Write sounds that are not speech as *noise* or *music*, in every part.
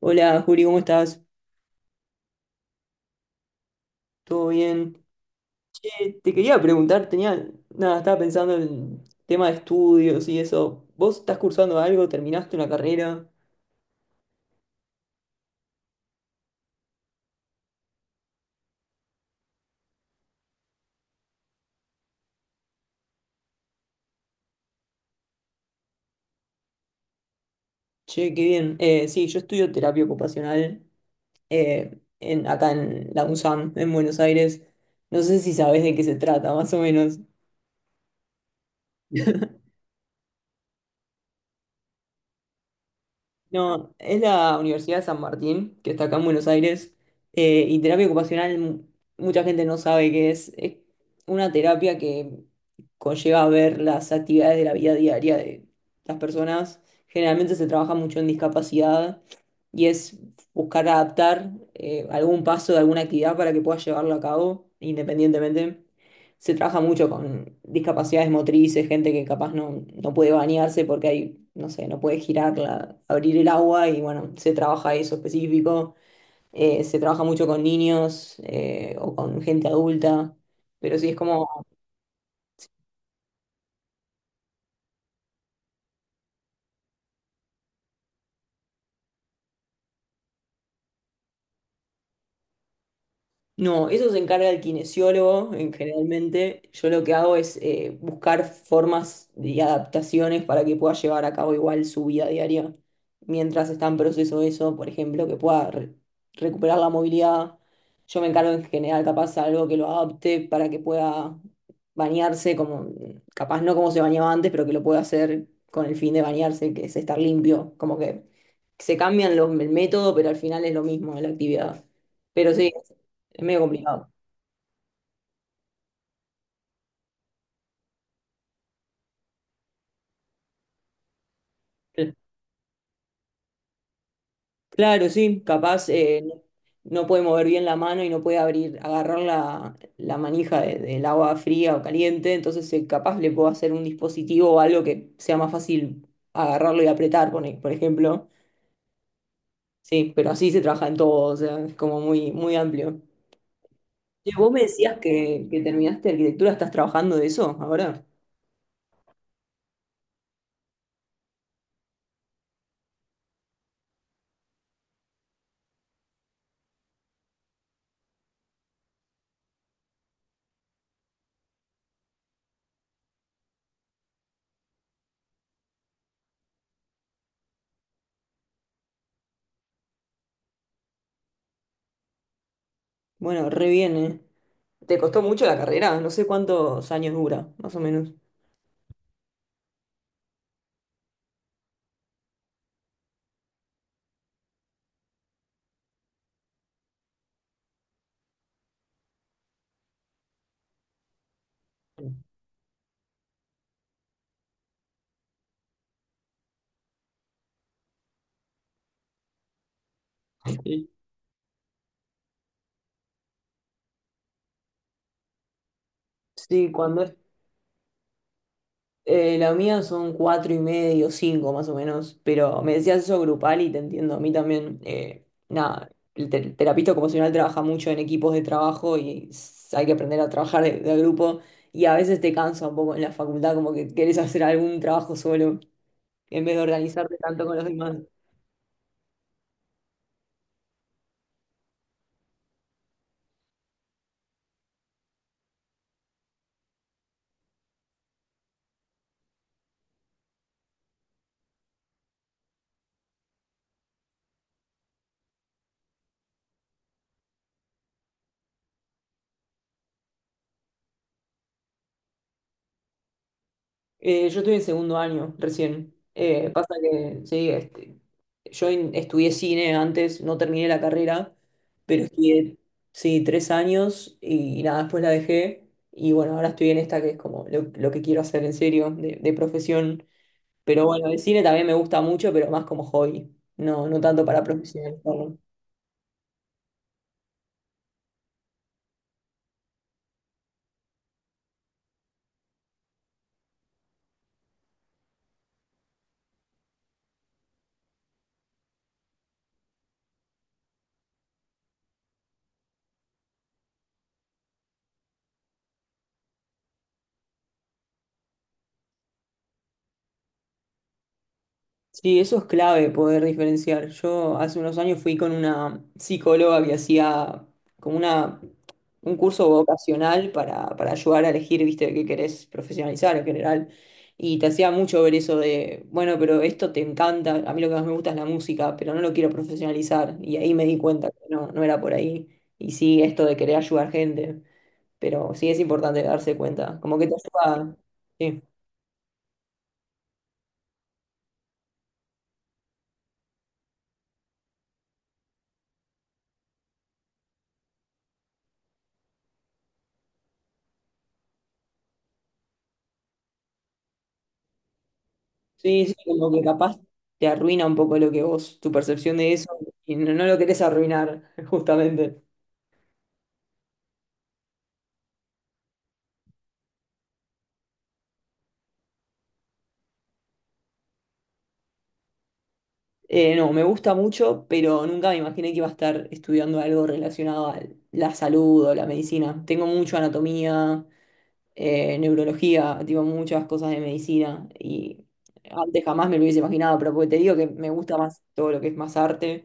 Hola, Juli, ¿cómo estás? ¿Todo bien? Che, te quería preguntar, tenía, nada, estaba pensando en tema de estudios y eso. ¿Vos estás cursando algo? ¿Terminaste una carrera? Che, qué bien. Sí, yo estudio terapia ocupacional en, acá en la UNSAM, en Buenos Aires. No sé si sabés de qué se trata, más o menos. No, es la Universidad de San Martín, que está acá en Buenos Aires, y terapia ocupacional mucha gente no sabe qué es. Es una terapia que conlleva ver las actividades de la vida diaria de las personas. Generalmente se trabaja mucho en discapacidad y es buscar adaptar algún paso de alguna actividad para que puedas llevarlo a cabo independientemente. Se trabaja mucho con discapacidades motrices, gente que capaz no puede bañarse porque hay, no sé, no puede girar, abrir el agua y bueno, se trabaja eso específico. Se trabaja mucho con niños o con gente adulta, pero sí es como. No, eso se encarga el kinesiólogo, en generalmente. Yo lo que hago es buscar formas y adaptaciones para que pueda llevar a cabo igual su vida diaria. Mientras está en proceso eso, por ejemplo, que pueda recuperar la movilidad. Yo me encargo en general, capaz, algo que lo adapte para que pueda bañarse, como, capaz no como se bañaba antes, pero que lo pueda hacer con el fin de bañarse, que es estar limpio. Como que se cambian el método, pero al final es lo mismo la actividad. Pero sí. Es medio complicado. Cl- Claro, sí, capaz no puede mover bien la mano y no puede abrir, agarrar la manija del agua fría o caliente, entonces capaz le puedo hacer un dispositivo o algo que sea más fácil agarrarlo y apretar, por ejemplo. Sí, pero así se trabaja en todo, o sea, es como muy, muy amplio. Y vos me decías que terminaste arquitectura, ¿estás trabajando de eso ahora? Bueno, re bien, ¿eh? ¿Te costó mucho la carrera? No sé cuántos años dura, más o menos. Sí, sí, cuando es. La mía son cuatro y medio, cinco más o menos, pero me decías eso grupal y te entiendo. A mí también, nada, el terapista ocupacional trabaja mucho en equipos de trabajo y hay que aprender a trabajar de grupo, y a veces te cansa un poco en la facultad, como que querés hacer algún trabajo solo en vez de organizarte tanto con los demás. Yo estoy en segundo año recién. Pasa que, sí, este, yo en- Estudié cine antes, no terminé la carrera, pero estudié, sí, tres años y, nada, después la dejé. Y bueno, ahora estoy en esta que es como lo que quiero hacer en serio, de profesión. Pero bueno, el cine también me gusta mucho, pero más como hobby, no tanto para profesionalizar. Sí, eso es clave poder diferenciar. Yo hace unos años fui con una psicóloga que hacía como una, un curso vocacional para ayudar a elegir, viste, qué querés profesionalizar en general. Y te hacía mucho ver eso de, bueno, pero esto te encanta, a mí lo que más me gusta es la música, pero no lo quiero profesionalizar. Y ahí me di cuenta que no, no era por ahí. Y sí, esto de querer ayudar gente, pero sí es importante darse cuenta, como que te ayuda. Sí. Sí, sí, como que capaz te arruina un poco lo que vos, tu percepción de eso, y no, no lo querés arruinar, *laughs* justamente. No, me gusta mucho, pero nunca me imaginé que iba a estar estudiando algo relacionado a la salud o la medicina. Tengo mucho anatomía, neurología, tipo muchas cosas de medicina, y antes jamás me lo hubiese imaginado, pero porque te digo que me gusta más todo lo que es más arte.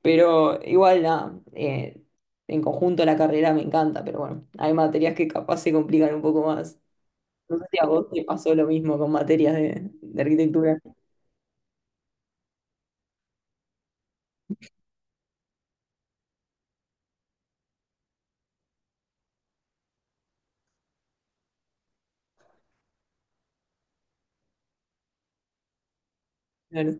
Pero igual, nada, en conjunto la carrera me encanta, pero bueno, hay materias que capaz se complican un poco más. No sé si a vos te pasó lo mismo con materias de arquitectura. Claro.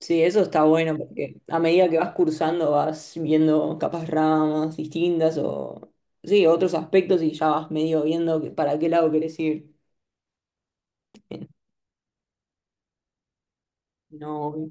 Sí, eso está bueno porque a medida que vas cursando vas viendo capas ramas distintas o sí, otros aspectos y ya vas medio viendo para qué lado querés ir. No,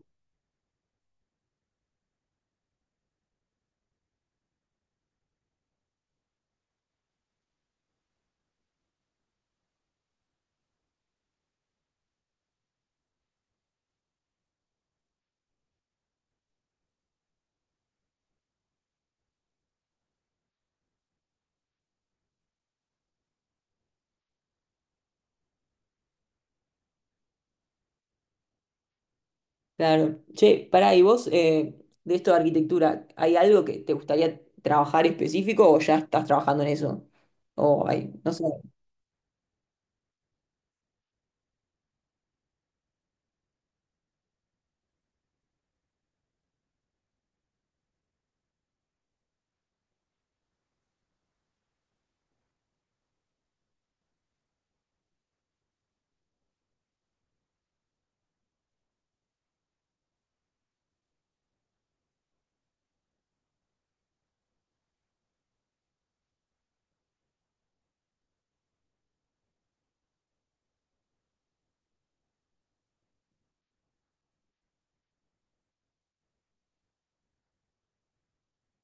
claro. Che, pará, y vos, de esto de arquitectura, ¿hay algo que te gustaría trabajar específico o ya estás trabajando en eso? O hay, no sé,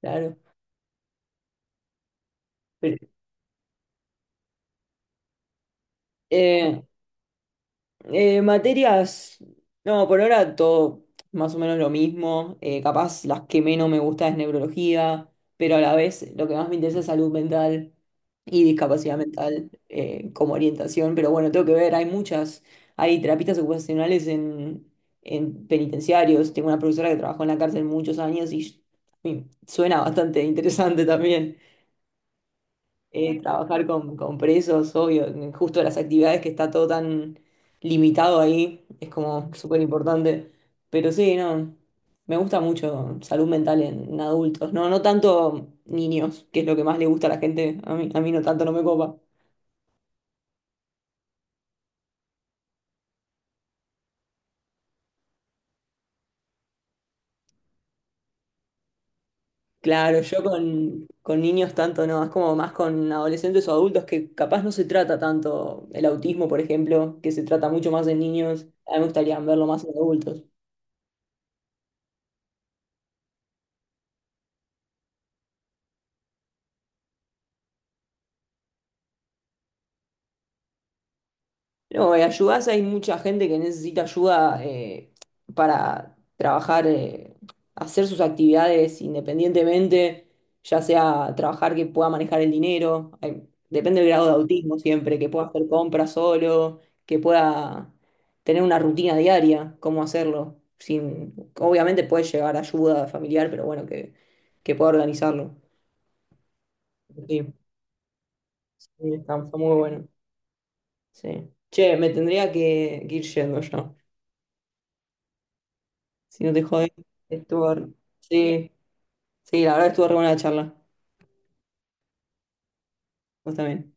claro. Pero, eh, Materias, no, por ahora todo más o menos lo mismo. Capaz las que menos me gusta es neurología, pero a la vez lo que más me interesa es salud mental y discapacidad mental como orientación. Pero bueno, tengo que ver, hay muchas, hay terapistas ocupacionales en penitenciarios. Tengo una profesora que trabajó en la cárcel muchos años y suena bastante interesante también. Trabajar con presos, obvio, justo las actividades que está todo tan limitado ahí, es como súper importante. Pero sí, no, me gusta mucho salud mental en adultos, no, no tanto niños, que es lo que más le gusta a la gente, a mí no tanto, no me copa. Claro, yo con niños tanto no, es como más con adolescentes o adultos que capaz no se trata tanto el autismo, por ejemplo, que se trata mucho más en niños, a mí me gustaría verlo más en adultos. No, ayudás, hay mucha gente que necesita ayuda para trabajar, hacer sus actividades independientemente, ya sea trabajar que pueda manejar el dinero, hay- depende del grado de autismo siempre, que pueda hacer compras solo, que pueda tener una rutina diaria, cómo hacerlo, sin, obviamente puede llegar ayuda familiar, pero bueno, que pueda organizarlo. Sí, sí, está, está muy bueno. Sí. Che, me tendría que ir yendo ya. Si no te jodés, estuvo. Sí, sí, la verdad estuvo re buena la charla. Vos también.